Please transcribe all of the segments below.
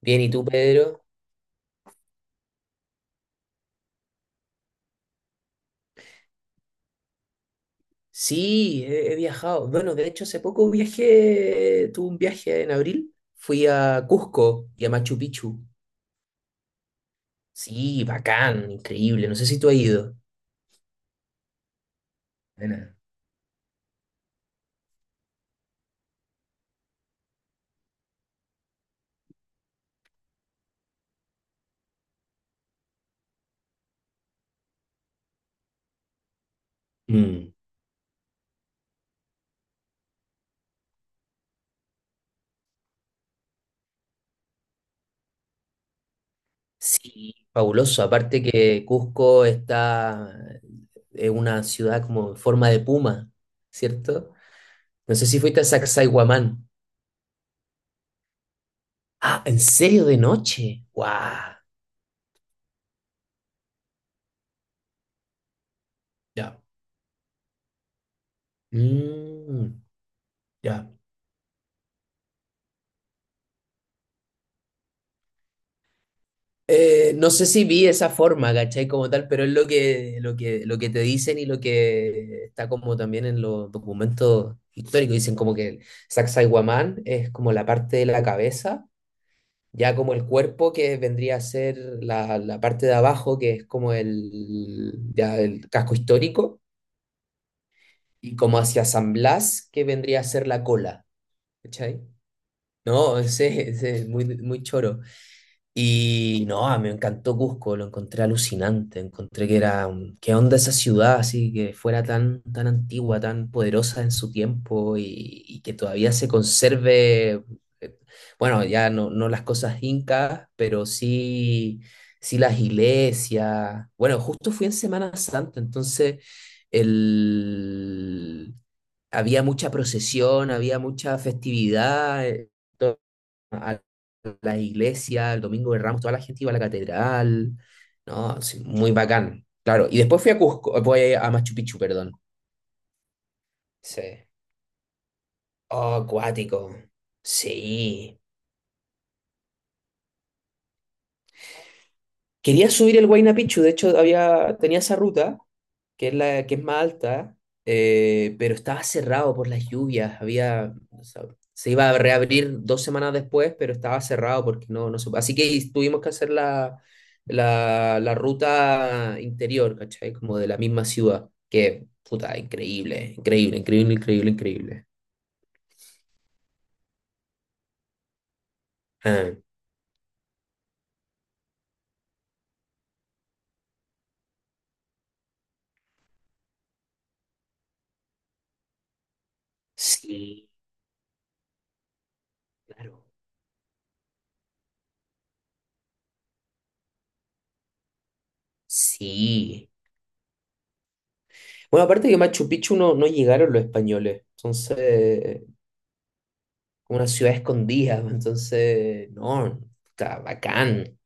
Bien, ¿y tú, Pedro? Sí, he viajado. Bueno, de hecho, hace poco viajé, tuve un viaje en abril. Fui a Cusco y a Machu Picchu. Sí, bacán, increíble. No sé si tú has ido. Buena. Mm. Sí, fabuloso. Aparte que Cusco está en una ciudad como en forma de puma, ¿cierto? No sé si fuiste a Sacsayhuamán. Ah, ¿en serio de noche? ¡Guau! Ya. Mm, ya. No sé si vi esa forma, ¿cachai? Como tal, pero es lo que te dicen y lo que está como también en los documentos históricos. Dicen como que el Sacsayhuamán es como la parte de la cabeza, ya como el cuerpo que vendría a ser la parte de abajo, que es como ya el casco histórico, y como hacia San Blas, que vendría a ser la cola, ¿cachai? No, ese es muy, muy choro. Y no, ah, me encantó Cusco, lo encontré alucinante, encontré que era, qué onda esa ciudad, así que fuera tan, tan antigua, tan poderosa en su tiempo y que todavía se conserve, eh, bueno, ya no, no las cosas incas, pero sí, sí las iglesias. Bueno, justo fui en Semana Santa, entonces el... había mucha procesión, había mucha festividad. A la iglesia, el domingo de Ramos, toda la gente iba a la catedral, ¿no? Sí, muy bacán, claro. Y después fui a Cusco, voy a Machu Picchu, perdón. Sí. Oh, acuático. Sí. Quería subir el Huayna Picchu, de hecho tenía esa ruta, que es la que es más alta, pero estaba cerrado por las lluvias. Había, o sea, se iba a reabrir 2 semanas después, pero estaba cerrado porque no, no se- Así que tuvimos que hacer la ruta interior, ¿cachai? Como de la misma ciudad, que, puta, increíble, increíble, increíble, increíble, increíble. Ah, sí, claro, sí. Bueno, aparte que Machu Picchu no, no llegaron los españoles, entonces como una ciudad escondida, entonces, no, está bacán.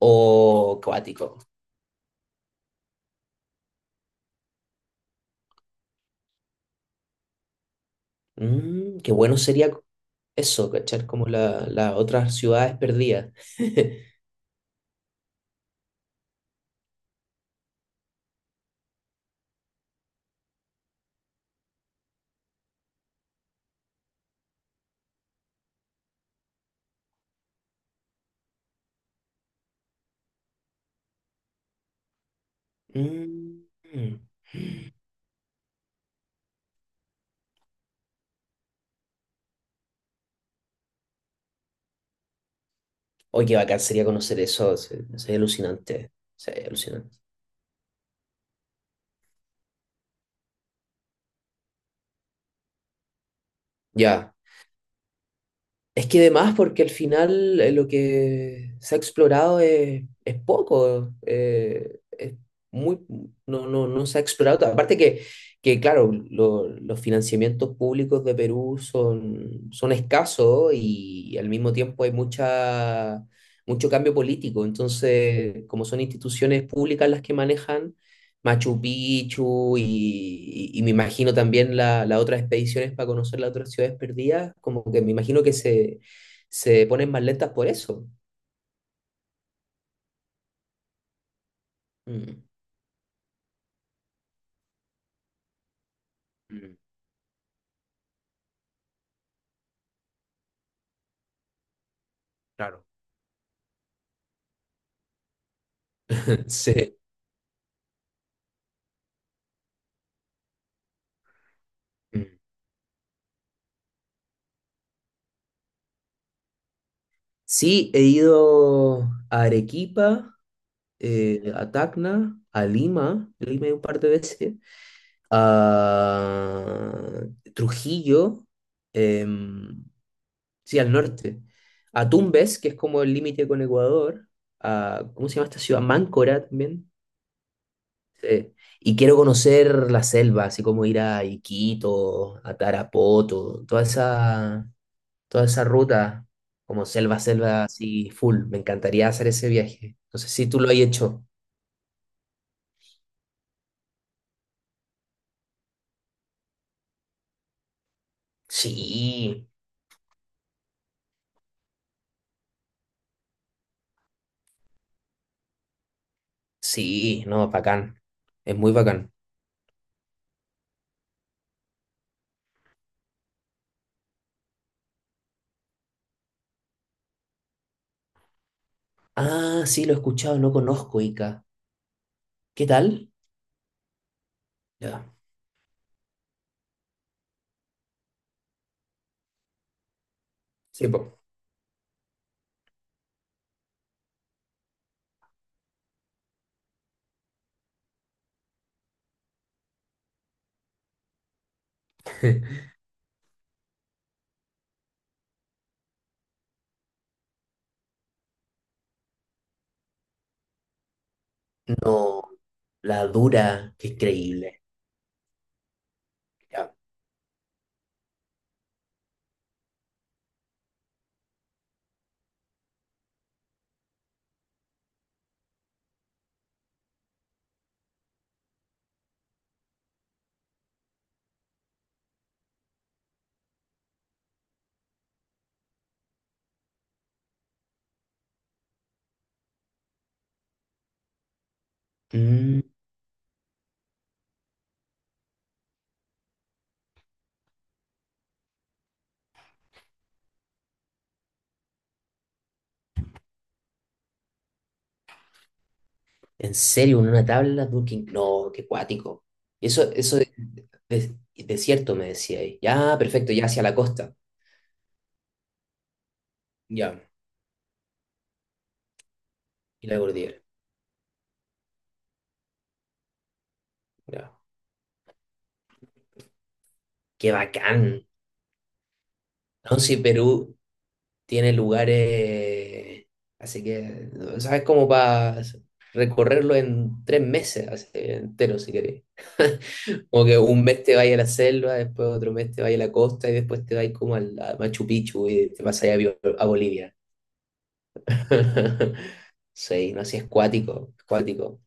O cuático. Mm, qué bueno sería eso, cachar como las otras ciudades perdidas. Mm, mm. Oye, qué bacán sería conocer eso, sería alucinante, sería alucinante. Ya, es que además, porque al final lo que se ha explorado es poco, es muy, no, no, no se ha explorado tanto. Aparte que claro, los financiamientos públicos de Perú son escasos y, al mismo tiempo hay mucho cambio político. Entonces, como son instituciones públicas las que manejan, Machu Picchu y me imagino también las otras expediciones para conocer las otras ciudades perdidas, como que me imagino que se ponen más lentas por eso. Mm. Mm, claro. Sí. Mm. Sí, he ido a Arequipa, a Tacna, a Lima, Lima he ido un par de veces, a Trujillo, em, sí, al norte, a Tumbes, que es como el límite con Ecuador, a, ¿cómo se llama esta ciudad? Máncora también. Sí. Y quiero conocer la selva, así como ir a Iquitos, a Tarapoto, toda esa ruta, como selva, selva, así full. Me encantaría hacer ese viaje. No sé si tú lo has hecho. Sí, sí, no, bacán. Es muy bacán. Ah, sí, lo he escuchado, no conozco Ica. ¿Qué tal? Ya. Sí, po. No. La dura, qué increíble. Ya. Mm, ¿en serio? ¿En una tabla? Dura, no, qué cuático. Eso de, de- desierto me decía ahí. Ya, perfecto, ya hacia la costa. Ya, y la cordillera. Ya. Qué bacán. No, sí, Perú tiene lugares, así que, ¿sabes? Como para recorrerlo en 3 meses así, entero, si querés. Como que un mes te vayas a la selva, después otro mes te vayas a la costa y después te vayas como a Machu Picchu y te vas allá a Bolivia. Sí, no, así es cuático, es cuático.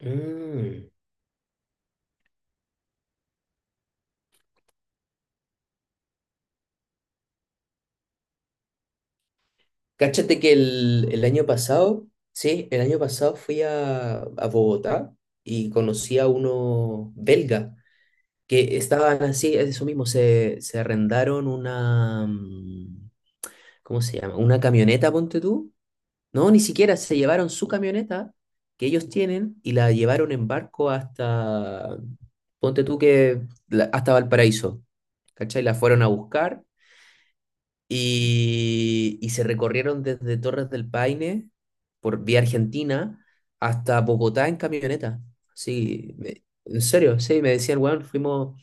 Mm. Cáchate que el año pasado, sí, el año pasado fui a Bogotá y conocí a uno belga que estaban así, es eso mismo, se arrendaron una, ¿cómo se llama? Una camioneta, ponte tú. No, ni siquiera se llevaron su camioneta que ellos tienen y la llevaron en barco hasta, ponte tú que, hasta Valparaíso, ¿cachai? La fueron a buscar y se recorrieron desde Torres del Paine por vía Argentina hasta Bogotá en camioneta. Sí, en serio, sí, me decían, weón, fuimos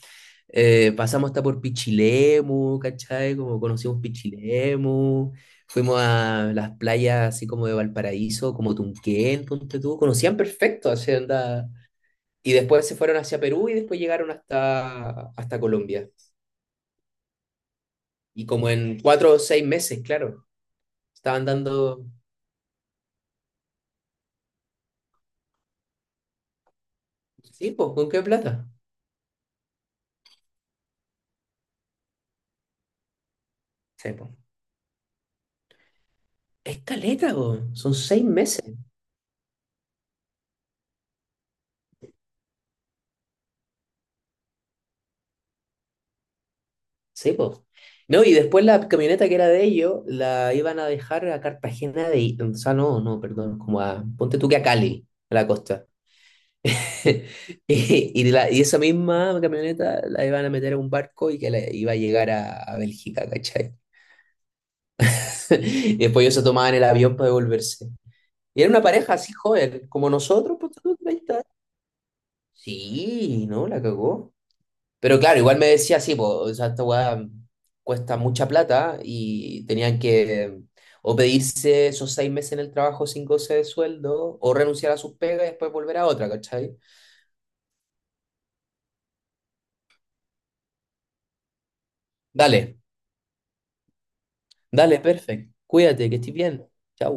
pasamos hasta por Pichilemu, ¿cachai? Como conocimos Pichilemu, fuimos a las playas así como de Valparaíso, como Tunquén, ponte tú, conocían perfecto, así onda. Y después se fueron hacia Perú y después llegaron hasta Colombia. Y como en 4 o 6 meses, claro, estaban dando... Sí, pues, ¿con qué plata? Sí, po. Es caleta, po. Son 6 meses. Sí, pues. No, y después la camioneta que era de ellos la iban a dejar a Cartagena de... O sea, no, no, perdón, como a... Ponte tú que a Cali, a la costa. Y esa misma camioneta la iban a meter a un barco y que la iba a llegar a Bélgica, ¿cachai? Y después ellos se tomaban el avión para devolverse. Y era una pareja así joven, como nosotros, pues tú, 30. Sí, no, la cagó. Pero claro, igual me decía, sí, po, o sea, esta weá cuesta mucha plata y tenían que o pedirse esos 6 meses en el trabajo sin goce de sueldo o renunciar a sus pegas y después volver a otra, ¿cachai? Dale, dale, perfecto. Cuídate, que estés bien. Chau.